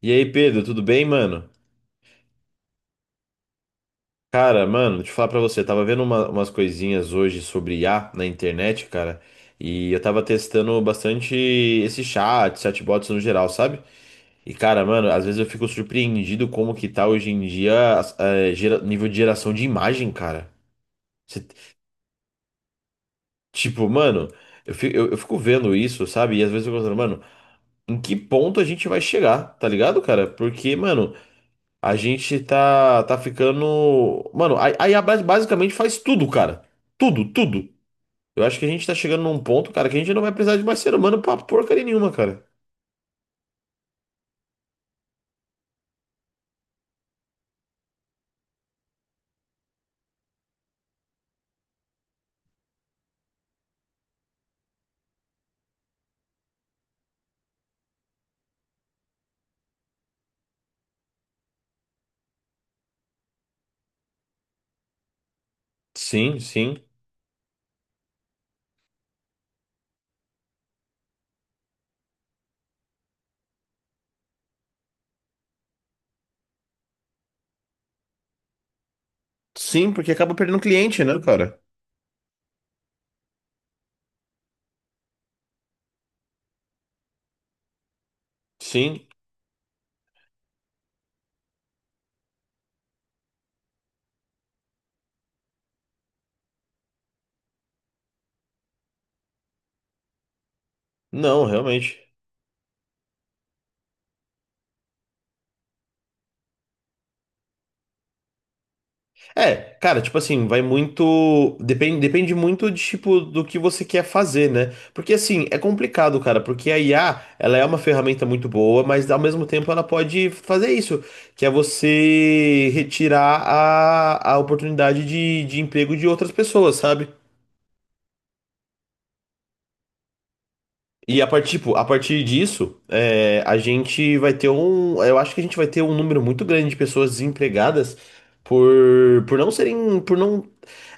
E aí, Pedro, tudo bem, mano? Cara, mano, deixa eu falar pra você, eu tava vendo umas coisinhas hoje sobre IA na internet, cara, e eu tava testando bastante chatbots no geral, sabe? E, cara, mano, às vezes eu fico surpreendido como que tá hoje em dia nível de geração de imagem, cara. Cê- tipo, mano, eu fico, eu fico vendo isso, sabe? E às vezes eu fico pensando, mano, em que ponto a gente vai chegar, tá ligado, cara? Porque, mano, a gente tá ficando. Mano, a IA basicamente faz tudo, cara. Tudo, tudo. Eu acho que a gente tá chegando num ponto, cara, que a gente não vai precisar de mais ser humano pra porcaria nenhuma, cara. Sim, sim. Sim, porque acaba perdendo cliente, né, cara? Sim. Não, realmente. É, cara, tipo assim, vai muito. Depende muito de, tipo, do que você quer fazer, né? Porque assim, é complicado, cara, porque a IA, ela é uma ferramenta muito boa, mas ao mesmo tempo ela pode fazer isso, que é você retirar a oportunidade de emprego de outras pessoas, sabe? E a partir, tipo, a partir disso, é, a gente vai ter um. Eu acho que a gente vai ter um número muito grande de pessoas desempregadas por não serem. Por não.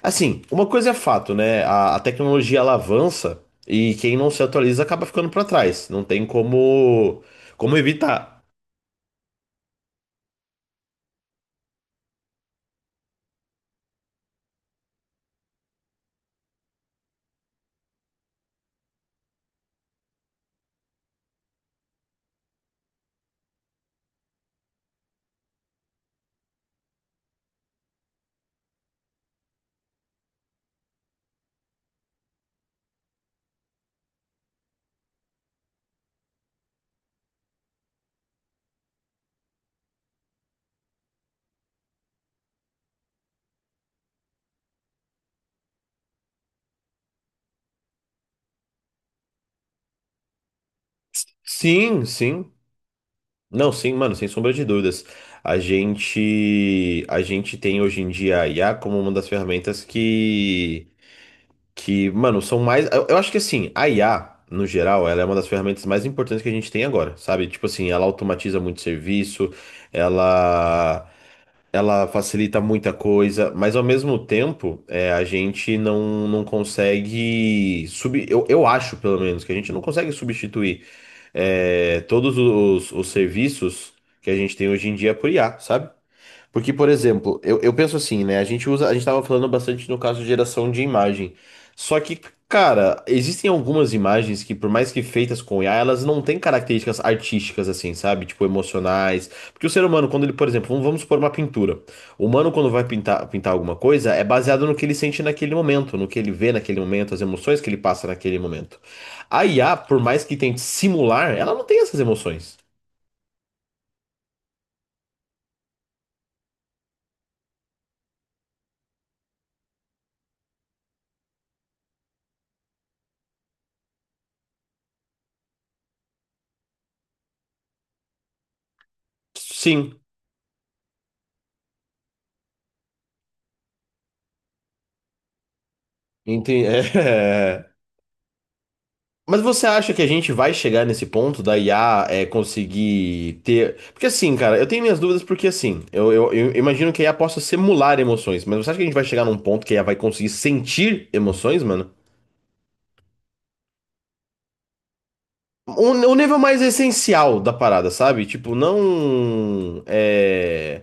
Assim, uma coisa é fato, né? A tecnologia ela avança e quem não se atualiza acaba ficando pra trás. Não tem como evitar. Sim, sim. Não, sim, mano, sem sombra de dúvidas. A gente tem hoje em dia a IA como uma das ferramentas que, mano, são mais. Eu acho que assim, a IA, no geral, ela é uma das ferramentas mais importantes que a gente tem agora, sabe? Tipo assim, ela automatiza muito serviço, ela. Ela facilita muita coisa, mas ao mesmo tempo, é, a gente não consegue eu acho, pelo menos, que a gente não consegue substituir todos os serviços que a gente tem hoje em dia por IA, sabe? Porque, por exemplo, eu penso assim, né? A gente usa, a gente tava falando bastante no caso de geração de imagem. Só que, cara, existem algumas imagens que, por mais que feitas com IA, elas não têm características artísticas, assim, sabe? Tipo, emocionais. Porque o ser humano, quando ele, por exemplo, vamos supor uma pintura. O humano, quando vai pintar alguma coisa, é baseado no que ele sente naquele momento, no que ele vê naquele momento, as emoções que ele passa naquele momento. A IA, por mais que tente simular, ela não tem essas emoções. Sim, entendi. Mas você acha que a gente vai chegar nesse ponto da IA conseguir ter. Porque assim, cara, eu tenho minhas dúvidas porque assim, eu imagino que a IA possa simular emoções, mas você acha que a gente vai chegar num ponto que a IA vai conseguir sentir emoções, mano? O nível mais essencial da parada, sabe? Tipo, não é,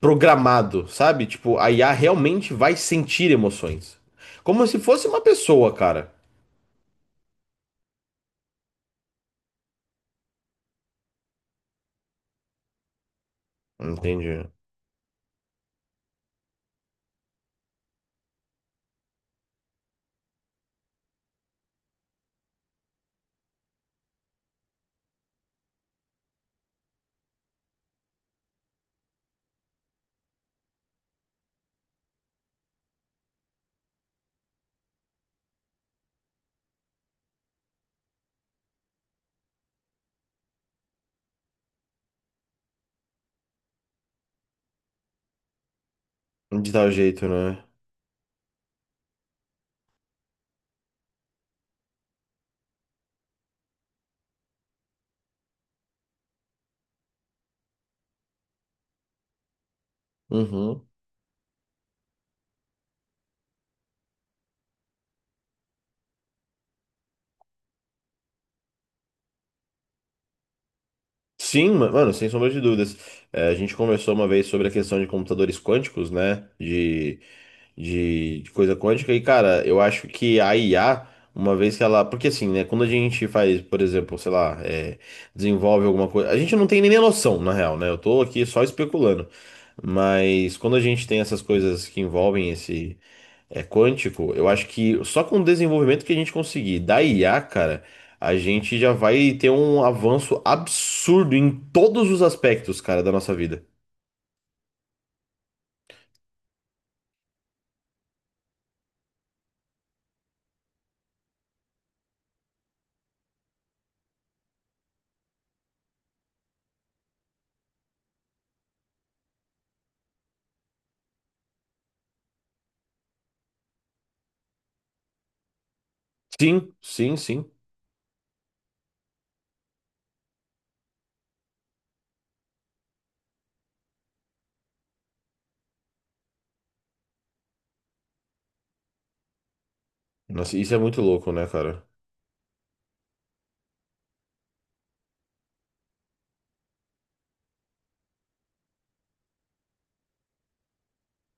programado, sabe? Tipo, a IA realmente vai sentir emoções. Como se fosse uma pessoa, cara. Entendi. De tal jeito, né? Uhum. Sim, mano, sem sombra de dúvidas. É, a gente conversou uma vez sobre a questão de computadores quânticos, né? De coisa quântica. E, cara, eu acho que a IA, uma vez que ela. Porque, assim, né? Quando a gente faz, por exemplo, sei lá, desenvolve alguma coisa. A gente não tem nem noção, na real, né? Eu tô aqui só especulando. Mas quando a gente tem essas coisas que envolvem esse. É quântico, eu acho que só com o desenvolvimento que a gente conseguir da IA, cara, a gente já vai ter um avanço absurdo em todos os aspectos, cara, da nossa vida. Sim, sim, sim. Nossa, isso é muito louco, né, cara?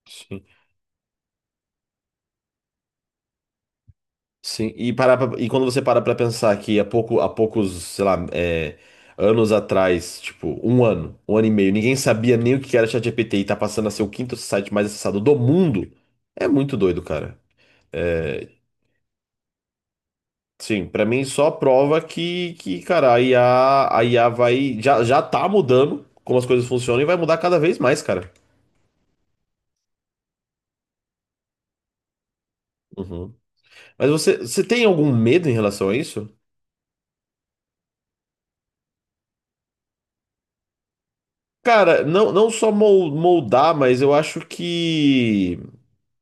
Sim, sim. E, e quando você para pra pensar que há pouco, há poucos, sei lá, anos atrás, tipo, um ano e meio, ninguém sabia nem o que era ChatGPT e tá passando a ser o quinto site mais acessado do mundo, é muito doido, cara. É, sim, pra mim só prova que cara, a IA vai. Já tá mudando como as coisas funcionam e vai mudar cada vez mais, cara. Uhum. Mas você tem algum medo em relação a isso? Cara, não, moldar, mas eu acho que.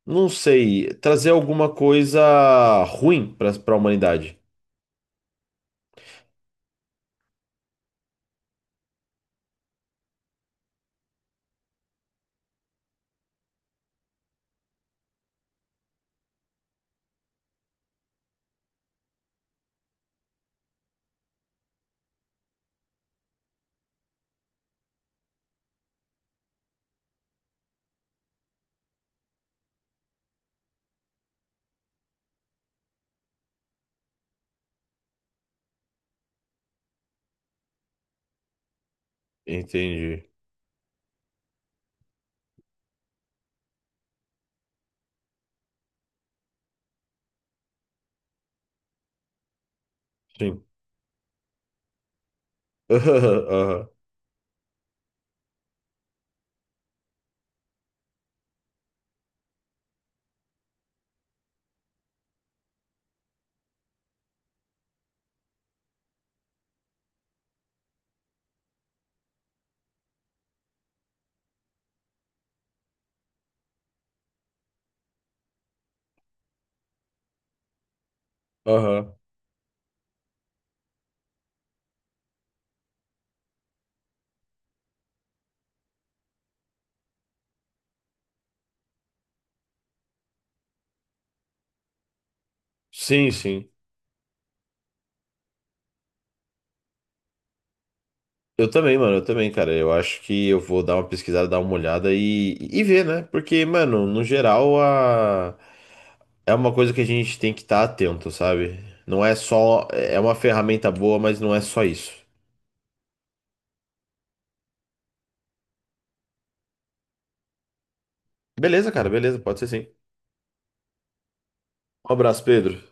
Não sei, trazer alguma coisa ruim pra humanidade. Entendi. Sim. Aham, aham. Sim, sim. Eu também, mano, eu também, cara. Eu acho que eu vou dar uma pesquisada, dar uma olhada e ver, né? Porque, mano, no geral, é uma coisa que a gente tem que estar atento, sabe? Não é só. É uma ferramenta boa, mas não é só isso. Beleza, cara, beleza, pode ser sim. Um abraço, Pedro.